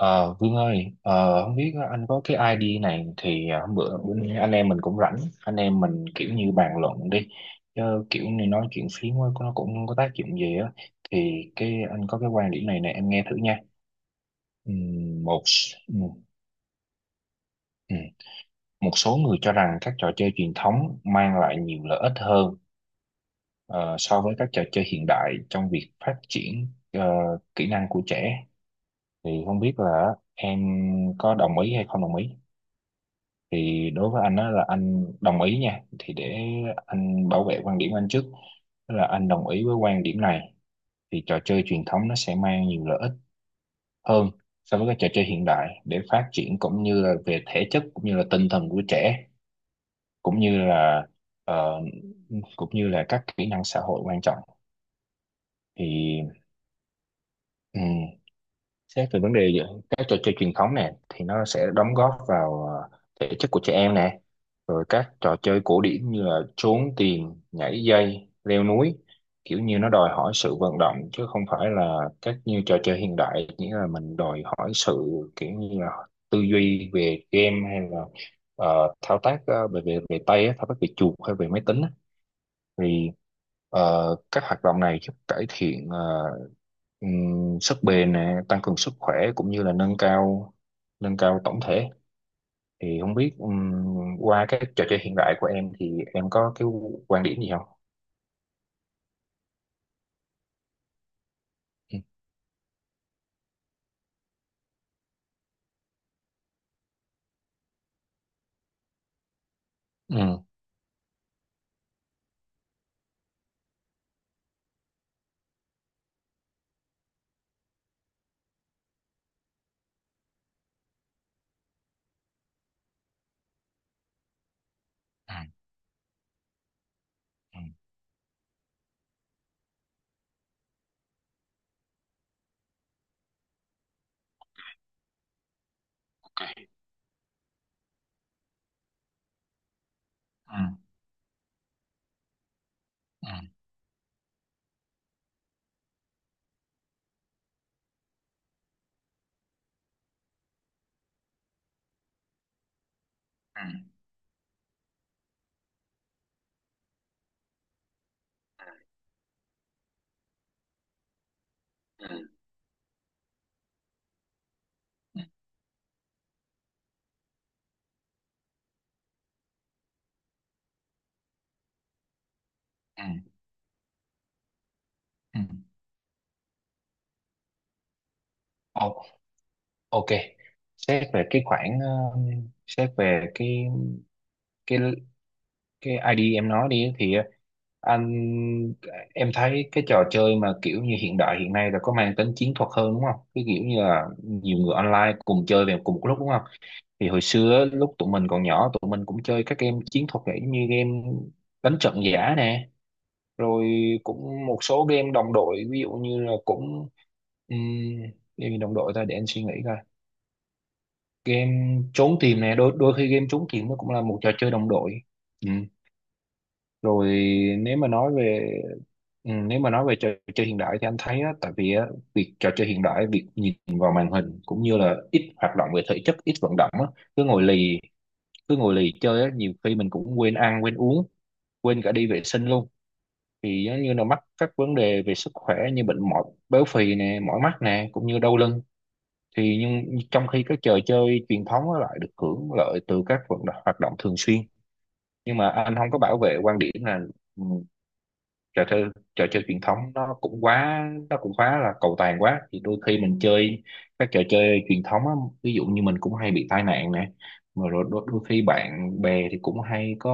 Ờ, Vương ơi, không biết anh có cái ID này thì hôm bữa bữa anh em mình cũng rảnh, anh em mình kiểu như bàn luận đi, chứ kiểu như nói chuyện phím á, nó cũng không có tác dụng gì á, thì cái anh có cái quan điểm này nè em nghe thử nha. Ừm, một s- ừm, ừm. Một số người cho rằng các trò chơi truyền thống mang lại nhiều lợi ích hơn ờ, so với các trò chơi hiện đại trong việc phát triển ờ, kỹ năng của trẻ, thì không biết là em có đồng ý hay không đồng ý? Thì đối với anh, đó là anh đồng ý nha, thì để anh bảo vệ quan điểm của anh trước, tức là anh đồng ý với quan điểm này. Thì trò chơi truyền thống nó sẽ mang nhiều lợi ích hơn so với các trò chơi hiện đại để phát triển cũng như là về thể chất cũng như là tinh thần của trẻ, cũng như là ờ, cũng như là các kỹ năng xã hội quan trọng. Thì xét về vấn đề giữa các trò chơi truyền thống nè, thì nó sẽ đóng góp vào thể chất của trẻ em nè, rồi các trò chơi cổ điển như là trốn tìm, nhảy dây, leo núi, kiểu như nó đòi hỏi sự vận động, chứ không phải là các như trò chơi hiện đại, nghĩa là mình đòi hỏi sự kiểu như là tư duy về game, hay là thao tác ờ, về về về tay á, thao tác về chuột hay về máy tính á. Thì ờ, các hoạt động này giúp cải thiện sức bền nè, tăng cường sức khỏe cũng như là nâng cao tổng thể. Thì không biết qua cái trò chơi hiện đại của em thì em có cái quan điểm gì không? Ừ. Ừ. Ừ. Ừ. Ừ. Ừ. Ừ. Ừ. Ừ. Ừ. Ô- Ok. Xét về cái khoản xét về cái cái ID em nói đi thì ờ, anh em thấy cái trò chơi mà kiểu như hiện đại hiện nay là có mang tính chiến thuật hơn đúng không? Cái kiểu như là nhiều người online cùng chơi về cùng một lúc đúng không? Thì hồi xưa á, lúc tụi mình còn nhỏ, tụi mình cũng chơi các game chiến thuật vậy, như game đánh trận giả nè, rồi cũng một số game đồng đội, ví dụ như là cũng um, game gì đồng đội ta, để anh suy nghĩ coi. Game trốn tìm nè, đôi đôi khi game trốn tìm nó cũng là một trò chơi đồng đội. Ừ, rồi nếu mà nói về nếu mà nói về trò chơi hiện đại thì anh thấy á, tại vì á, việc trò chơi hiện đại, việc nhìn vào màn hình cũng như là ít hoạt động về thể chất, ít vận động á, cứ ngồi lì cứ ngồi lì chơi á, nhiều khi mình cũng quên ăn quên uống, quên cả đi vệ sinh luôn, thì giống như là mắc các vấn đề về sức khỏe như bệnh mỏi, béo phì nè, mỏi mắt nè, cũng như đau lưng. Thì nhưng trong khi các trò chơi truyền thống á lại được hưởng lợi từ các vận động, hoạt động thường xuyên. Nhưng mà anh không có bảo vệ quan điểm là ừ, trò chơi trò chơi truyền thống nó cũng quá là cầu toàn quá, thì đôi khi mình chơi các trò chơi truyền thống á, ví dụ như mình cũng hay bị tai nạn nè, mà rồi đôi khi bạn bè thì cũng hay có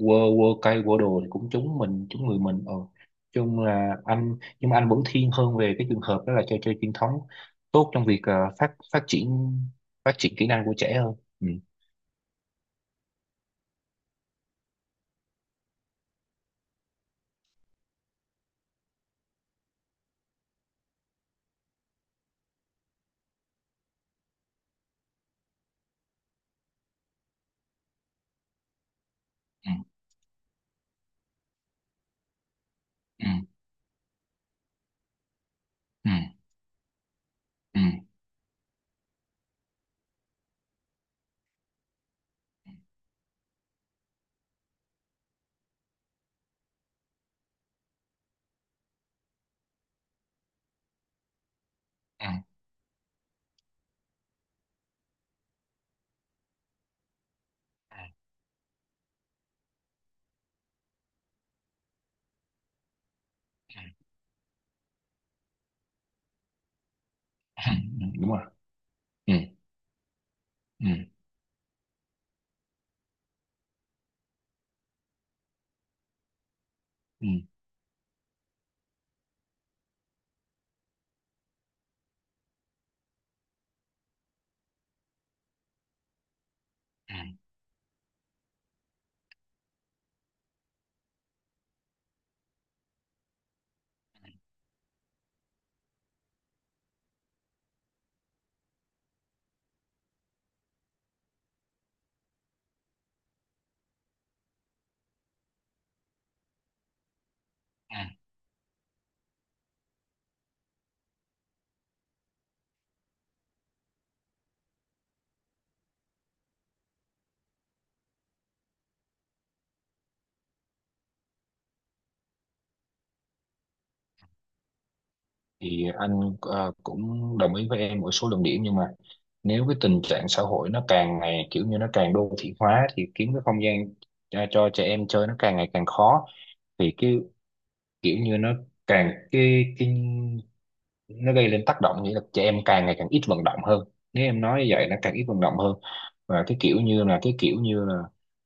quơ quơ cây quơ đồ, thì cũng trúng mình, trúng người mình. Ờ chung là anh, nhưng mà anh vẫn thiên hơn về cái trường hợp đó là trò chơi truyền thống tốt trong việc ờ, phát phát triển kỹ năng của trẻ hơn. Ừ. Ừ. Ừ. Ừ. Ừ. Ừ. Ừ. Ừ. Ừ. Đúng rồi. Ừ. Ừ. Ừ. Ừ, ừ. Thì anh cũng đồng ý với em một số luận điểm, nhưng mà nếu cái tình trạng xã hội nó càng ngày kiểu như nó càng đô thị hóa, thì kiếm cái không gian cho trẻ em chơi nó càng ngày càng khó. Thì cái kiểu như nó càng cái nó gây lên tác động, nghĩa là trẻ em càng ngày càng ít vận động hơn, nếu em nói như vậy nó càng ít vận động hơn. Và cái kiểu như là cái kiểu như là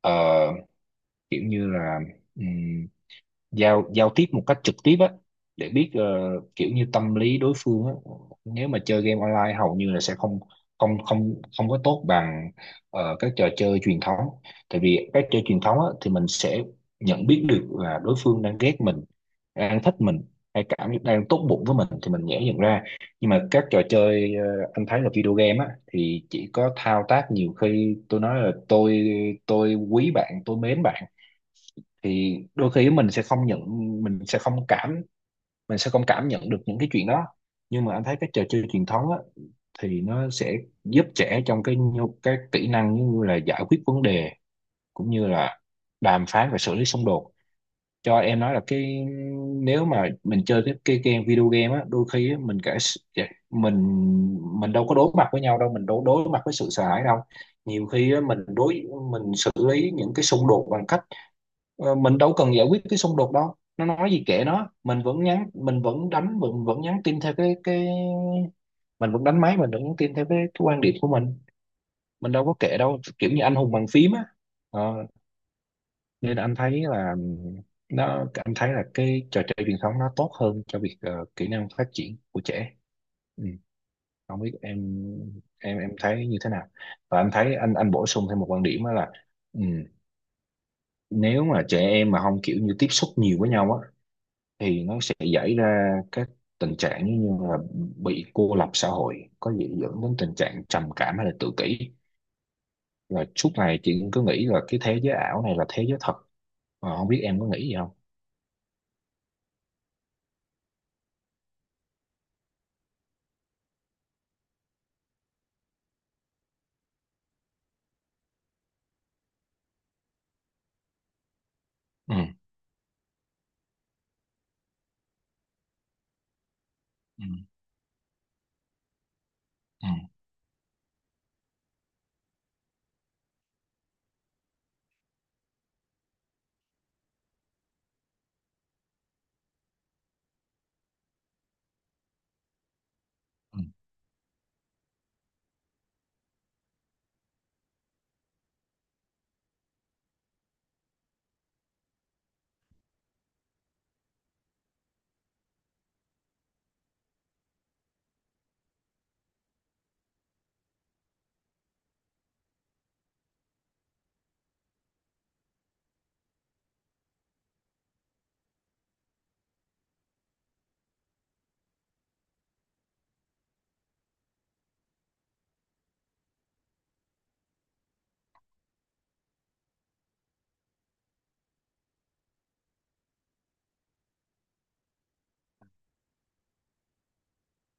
ờ, kiểu như là giao giao tiếp một cách trực tiếp á, để biết kiểu như tâm lý đối phương á, nếu mà chơi game online hầu như là sẽ không không không không có tốt bằng các trò chơi truyền thống. Tại vì các chơi truyền thống á, thì mình sẽ nhận biết được là đối phương đang ghét mình, đang thích mình, hay cảm đang tốt bụng với mình thì mình dễ nhận ra. Nhưng mà các trò chơi anh thấy là video game á thì chỉ có thao tác, nhiều khi tôi nói là tôi quý bạn, tôi mến bạn, thì đôi khi mình sẽ không cảm mình sẽ không cảm nhận được những cái chuyện đó. Nhưng mà anh thấy cái trò chơi truyền thống á, thì nó sẽ giúp trẻ trong cái kỹ năng như là giải quyết vấn đề, cũng như là đàm phán và xử lý xung đột. Cho em nói là cái, nếu mà mình chơi cái game video game á, đôi khi á, dạ, mình mình đâu có đối mặt với nhau đâu, mình đâu đối mặt với sự sợ hãi đâu. Nhiều khi á, mình xử lý những cái xung đột bằng cách. Ờ, mình đâu cần giải quyết cái xung đột đâu, nó nói gì kệ nó, mình vẫn nhắn mình vẫn đánh mình vẫn nhắn tin theo cái mình vẫn đánh máy, mình vẫn nhắn tin theo cái quan điểm của mình đâu có kệ đâu, kiểu như anh hùng bàn phím á. Ờ, nên anh thấy là nó anh thấy là cái trò chơi truyền thống nó tốt hơn cho việc kỹ năng phát triển của trẻ. Ừ. Không biết em, em thấy như thế nào? Và anh thấy anh bổ sung thêm một quan điểm đó là ừ, nếu mà trẻ em mà không kiểu như tiếp xúc nhiều với nhau á, thì nó sẽ xảy ra các tình trạng như là bị cô lập xã hội, có dễ dẫn đến tình trạng trầm cảm hay là tự kỷ, và suốt ngày chị cứ nghĩ là cái thế giới ảo này là thế giới thật. Ờ, không biết em có nghĩ gì không. Ừ. Ừ. Ừ. Ừ.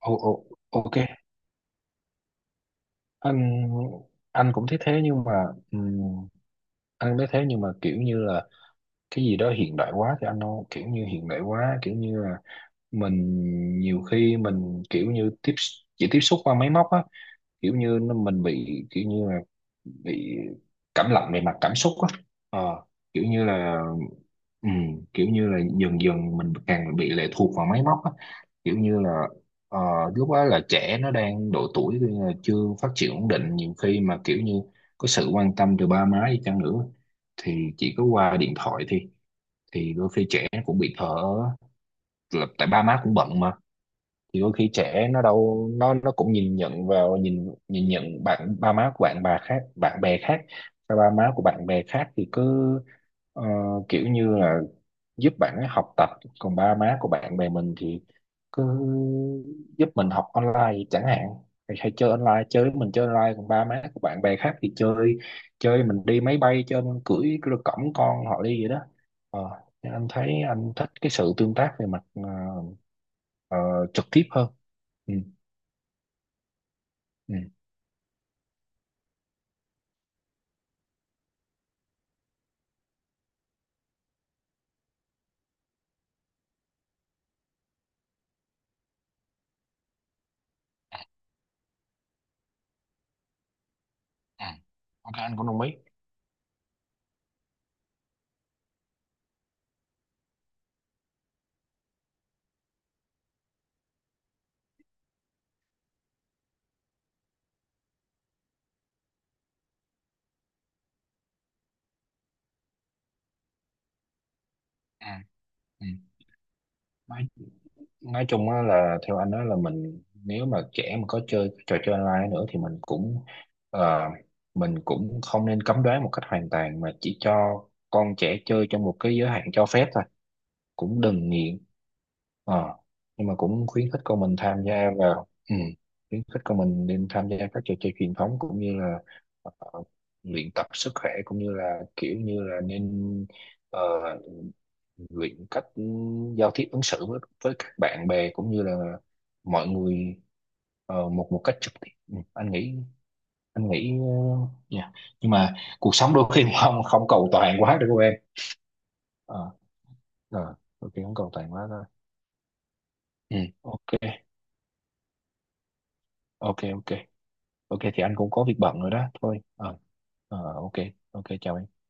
Ô, ô, Ok. Anh anh cũng thấy thế, nhưng mà ừm, anh thấy thế, nhưng mà kiểu như là cái gì đó hiện đại quá, thì anh đâu, kiểu như hiện đại quá kiểu như là mình, nhiều khi mình kiểu như chỉ tiếp xúc qua máy móc á, kiểu như nó mình bị kiểu như là bị cảm lạnh về mặt cảm xúc á. Ờ, kiểu như là kiểu như là dần dần mình càng bị lệ thuộc vào máy móc á, kiểu như là ờ, lúc đó là trẻ nó đang độ tuổi thì là chưa phát triển ổn định, nhiều khi mà kiểu như có sự quan tâm từ ba má đi chăng nữa, thì chỉ có qua điện thoại thì đôi khi trẻ cũng bị thở, là tại ba má cũng bận mà. Thì đôi khi trẻ nó đâu, nó cũng nhìn nhận bạn ba má của bạn, bà khác, bạn bè khác, ba ba má của bạn bè khác thì cứ ờ, kiểu như là giúp bạn ấy học tập, còn ba má của bạn bè mình thì cứ giúp mình học online chẳng hạn, hay chơi online, chơi với mình chơi online, còn ba má của bạn bè khác thì chơi chơi mình đi máy bay, chơi mình cưỡi, cõng con họ đi vậy đó. Ờ, nên anh thấy anh thích cái sự tương tác về mặt ờ, trực tiếp hơn. Ừ, ừ. ừ. Ok, anh cũng đồng ý. Ừ. Ừ. Nói, nói chung á là theo anh đó là mình, nếu mà trẻ mà có chơi trò chơi online nữa thì mình cũng ờ, mình cũng không nên cấm đoán một cách hoàn toàn, mà chỉ cho con trẻ chơi trong một cái giới hạn cho phép thôi, cũng đừng nghiện. Ờ, nhưng mà cũng khuyến khích con mình tham gia vào khuyến khích con mình nên tham gia các trò chơi truyền thống, cũng như là ờ, luyện tập sức khỏe, cũng như là kiểu như là nên ờ, luyện cách giao tiếp ứng xử với các bạn bè cũng như là mọi người một một cách trực tiếp. Ừ, anh nghĩ dạ. Nhưng mà cuộc sống đôi khi không không cầu toàn quá được không em. Ờ, ờ, Đôi khi không cầu toàn quá thôi. Ừ, ok. Ok. Ok, ok thì anh cũng có việc bận rồi đó thôi. Ờ ok. Ok, chào em.